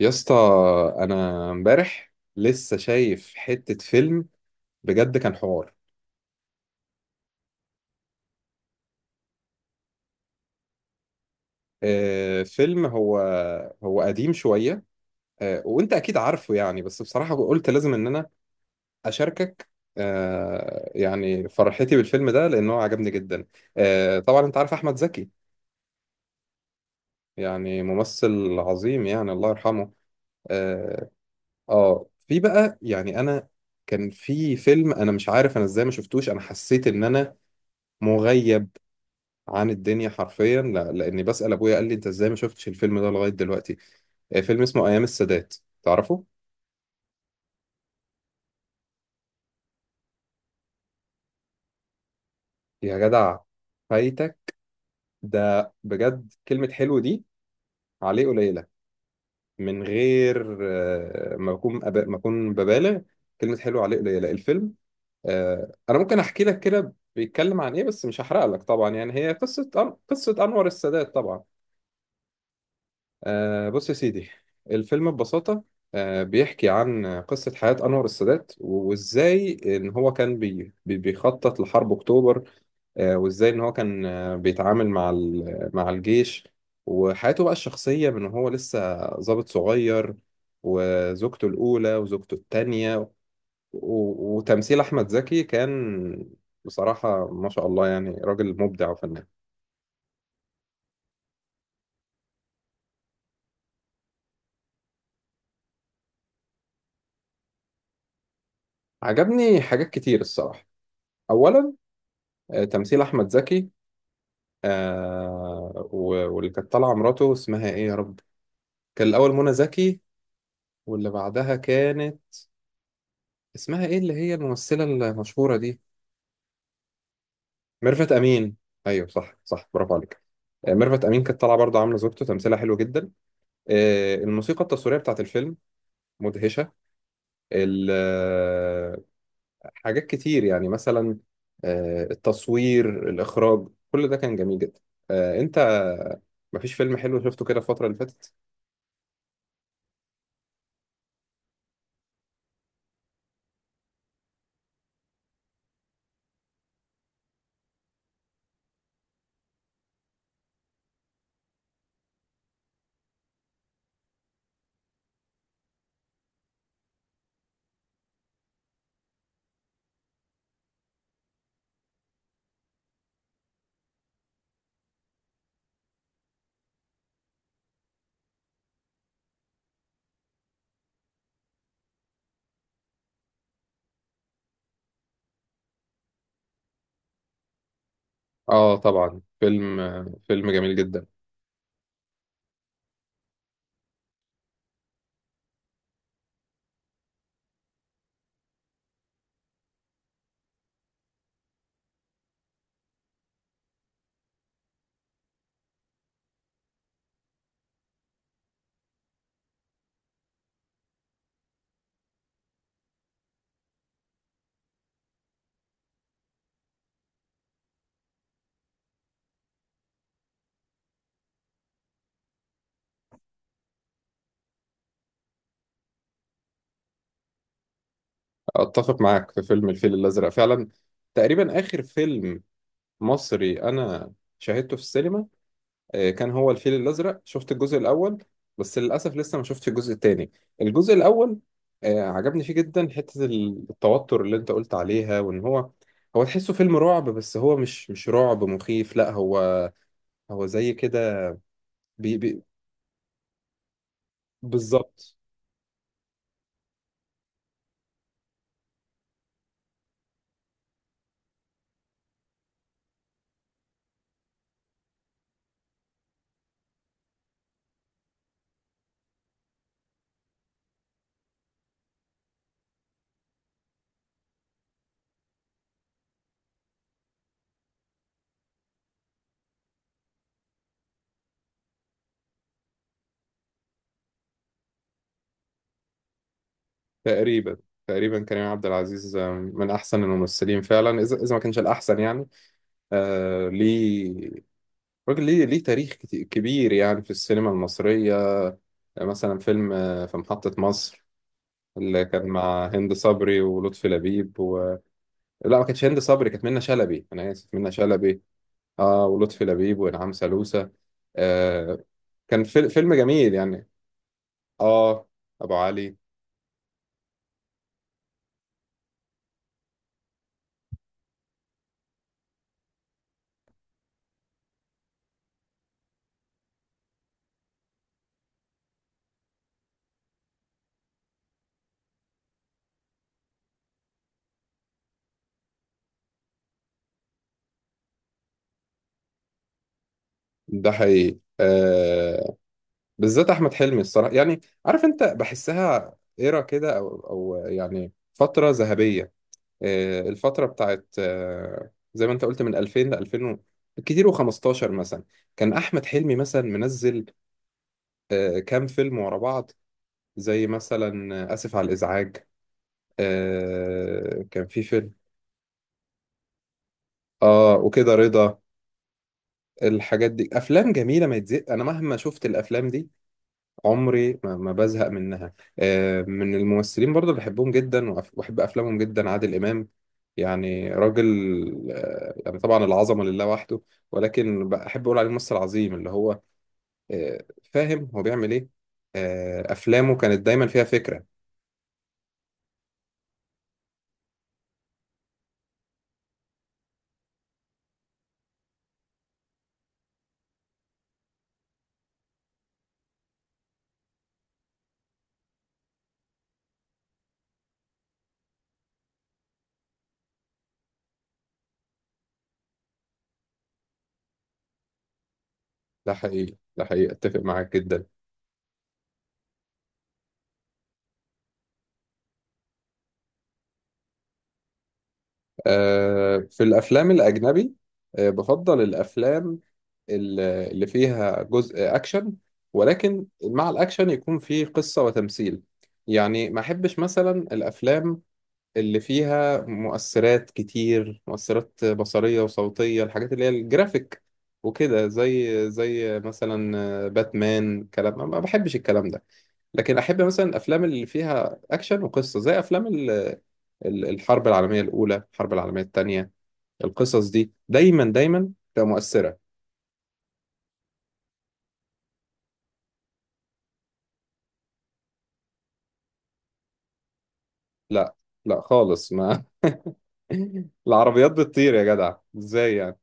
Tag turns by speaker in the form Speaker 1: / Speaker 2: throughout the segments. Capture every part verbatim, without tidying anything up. Speaker 1: يا اسطى، انا امبارح لسه شايف حتة فيلم. بجد كان حوار. آه، فيلم، هو هو قديم شوية. آه، وانت اكيد عارفه يعني، بس بصراحة قلت لازم ان انا اشاركك. آه، يعني فرحتي بالفيلم ده لانه عجبني جدا. آه، طبعا انت عارف احمد زكي، يعني ممثل عظيم، يعني الله يرحمه. اه. آه، في بقى يعني انا، كان في فيلم انا مش عارف انا ازاي ما شفتوش، انا حسيت ان انا مغيب عن الدنيا حرفيا. لا، لاني بسأل ابويا قال لي انت ازاي ما شفتش الفيلم ده لغاية دلوقتي. آه، فيلم اسمه ايام السادات، تعرفه؟ يا جدع فايتك، ده بجد كلمة حلو دي عليه قليلة. من غير آه، ما اكون أب... ما اكون ببالغ، كلمة حلو عليه قليلة الفيلم. آه، انا ممكن احكي لك كده بيتكلم عن ايه، بس مش هحرق لك طبعا. يعني هي قصة أن... قصة انور السادات طبعا. آه بص يا سيدي، الفيلم ببساطة آه بيحكي عن قصة حياة أنور السادات، وإزاي إن هو كان بي بي- بيخطط لحرب أكتوبر. آه وإزاي إن هو كان آه بيتعامل مع ال- مع الجيش. وحياته بقى الشخصية من هو لسه ضابط صغير، وزوجته الأولى وزوجته التانية. و- وتمثيل أحمد زكي كان بصراحة ما شاء الله، يعني راجل مبدع وفنان. عجبني حاجات كتير الصراحة. أولا، آه، تمثيل أحمد زكي. آه و- واللي كانت طالعة مراته اسمها ايه يا رب؟ كان الأول منى زكي، واللي بعدها كانت اسمها ايه اللي هي الممثلة المشهورة دي؟ ميرفت أمين، ايوه صح صح، برافو عليك. آه، ميرفت أمين كانت طالعة برضه عاملة زوجته، تمثيلها حلو جدا. آه، الموسيقى التصويرية بتاعت الفيلم مدهشة. ال- آه، حاجات كتير يعني، مثلا آه، التصوير، الإخراج، كل ده كان جميل جدا. آه، انت، مفيش فيلم حلو شفته كده الفترة اللي فاتت. اه طبعا، فيلم فيلم جميل جدا. اتفق معاك في فيلم الفيل الازرق فعلا. تقريبا اخر فيلم مصري انا شاهدته في السينما، آه، كان هو الفيل الازرق. شفت الجزء الاول، بس للاسف لسه ما شفتش الجزء الثاني. الجزء الاول آه، عجبني فيه جدا حتة التوتر اللي انت قلت عليها، وان هو هو تحسه فيلم رعب، بس هو مش مش رعب مخيف، لا، هو هو زي كده بي بي بالظبط. تقريبا تقريبا كريم عبد العزيز آه، من احسن الممثلين فعلا، اذا اذا ما كانش الاحسن يعني. آه ليه، راجل ليه، ليه تاريخ كت- كبير يعني في السينما المصريه. آه، مثلا فيلم آه، في محطه مصر، اللي كان مع هند صبري ولطفي لبيب و... لا، ما كانتش هند صبري، كانت منى شلبي، انا اسف، منى شلبي. اه، ولطفي لبيب وانعام سالوسة. آه كان فيل- فيلم جميل يعني. اه، ابو علي. ده حقيقي، آه، بالذات احمد حلمي الصراحه، يعني عارف انت بحسها ايرا كده، او او يعني فتره ذهبيه. آه، الفتره بتاعت، آه، زي ما انت قلت، من ألفين ل ألفين و- كتير و15 مثلا، كان احمد حلمي مثلا منزل آه، كام فيلم ورا بعض، زي مثلا آه، اسف على الازعاج. آه، كان في فيلم، اه، وكده رضا. الحاجات دي افلام جميله ما يتزق، انا مهما شفت الافلام دي عمري ما, ما بزهق منها. آه، من الممثلين برضه اللي بحبهم جدا وأف- وأحب أفلامهم جدا عادل إمام، يعني راجل آه، يعني طبعا العظمة لله وحده، ولكن بحب أقول عليه ممثل عظيم اللي هو آه، فاهم هو بيعمل إيه. آه، أفلامه كانت دايما فيها فكرة. ده حقيقي ده حقيقي، أتفق معاك جدا. آه، في الأفلام الأجنبي آه، بفضل الأفلام ال- اللي فيها جزء اكشن، ولكن مع الاكشن يكون فيه قصة وتمثيل. يعني ما احبش مثلا الافلام اللي فيها مؤثرات كتير، مؤثرات بصرية وصوتية، الحاجات اللي هي الجرافيك وكده، زي زي مثلا باتمان كلام، ما بحبش الكلام ده. لكن احب مثلا الافلام اللي فيها اكشن وقصة، زي افلام ال- ال- الحرب العالمية الاولى، الحرب العالمية التانية. القصص دي دايما دايما تبقى مؤثرة. لا لا خالص، ما العربيات بتطير يا جدع ازاي يعني؟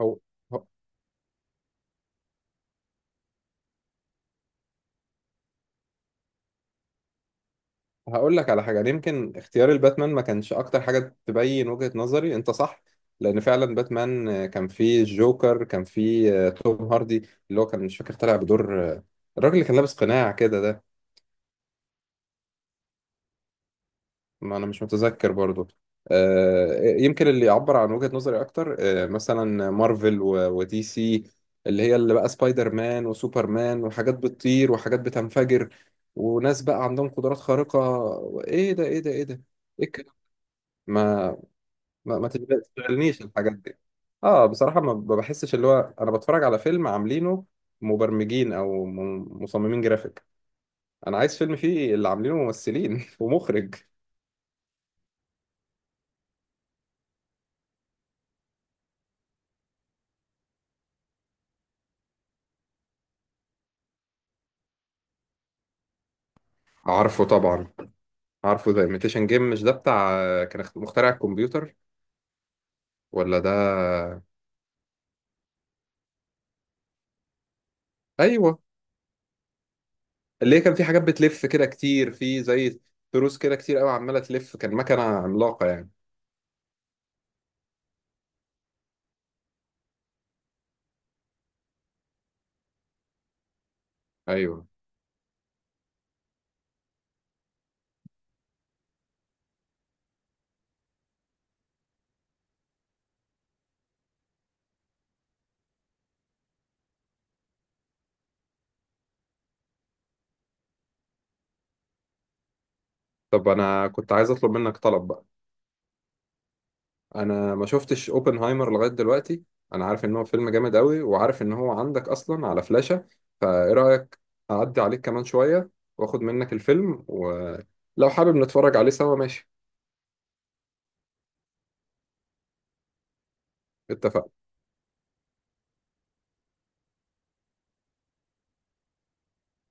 Speaker 1: هو هو- هقول لك على حاجه، يعني يمكن اختيار الباتمان ما كانش اكتر حاجه تبين وجهه نظري، انت صح، لان فعلا باتمان آه، كان فيه الجوكر، كان فيه آه، توم هاردي، اللي هو كان مش فاكر طالع بدور آه، الراجل اللي كان لابس قناع كده ده، ما انا مش متذكر برضو. آه، يمكن اللي يعبر عن وجهة نظري اكتر آه، مثلا مارفل و- ودي سي، اللي هي اللي بقى سبايدر مان وسوبر مان وحاجات بتطير وحاجات بتنفجر وناس بقى عندهم قدرات خارقة. ايه ده، ايه ده، ايه ده، ايه الكلام؟ ما ما, ما تشغل- تشغلنيش الحاجات دي. اه بصراحة ما ما بحسش اللي هو انا بتفرج على فيلم عاملينه مبرمجين او م- مصممين جرافيك. انا عايز فيلم فيه اللي عاملينه ممثلين ومخرج. عارفه طبعا، عارفه ده imitation game، مش ده بتاع كان اخت- مخترع الكمبيوتر ولا ده؟ ايوه، اللي هي كان في حاجات بتلف كده كتير، في زي تروس كده كتير قوي عماله تلف، كان مكنه عملاقه يعني. ايوه. طب انا كنت عايز اطلب منك طلب بقى. انا ما شفتش اوبنهايمر لغايه دلوقتي، انا عارف ان هو فيلم جامد قوي، وعارف ان هو عندك اصلا على فلاشه، فايه رايك اعدي عليك كمان شويه، واخد منك الفيلم، ولو حابب نتفرج عليه سوا ماشي؟ اتفقنا.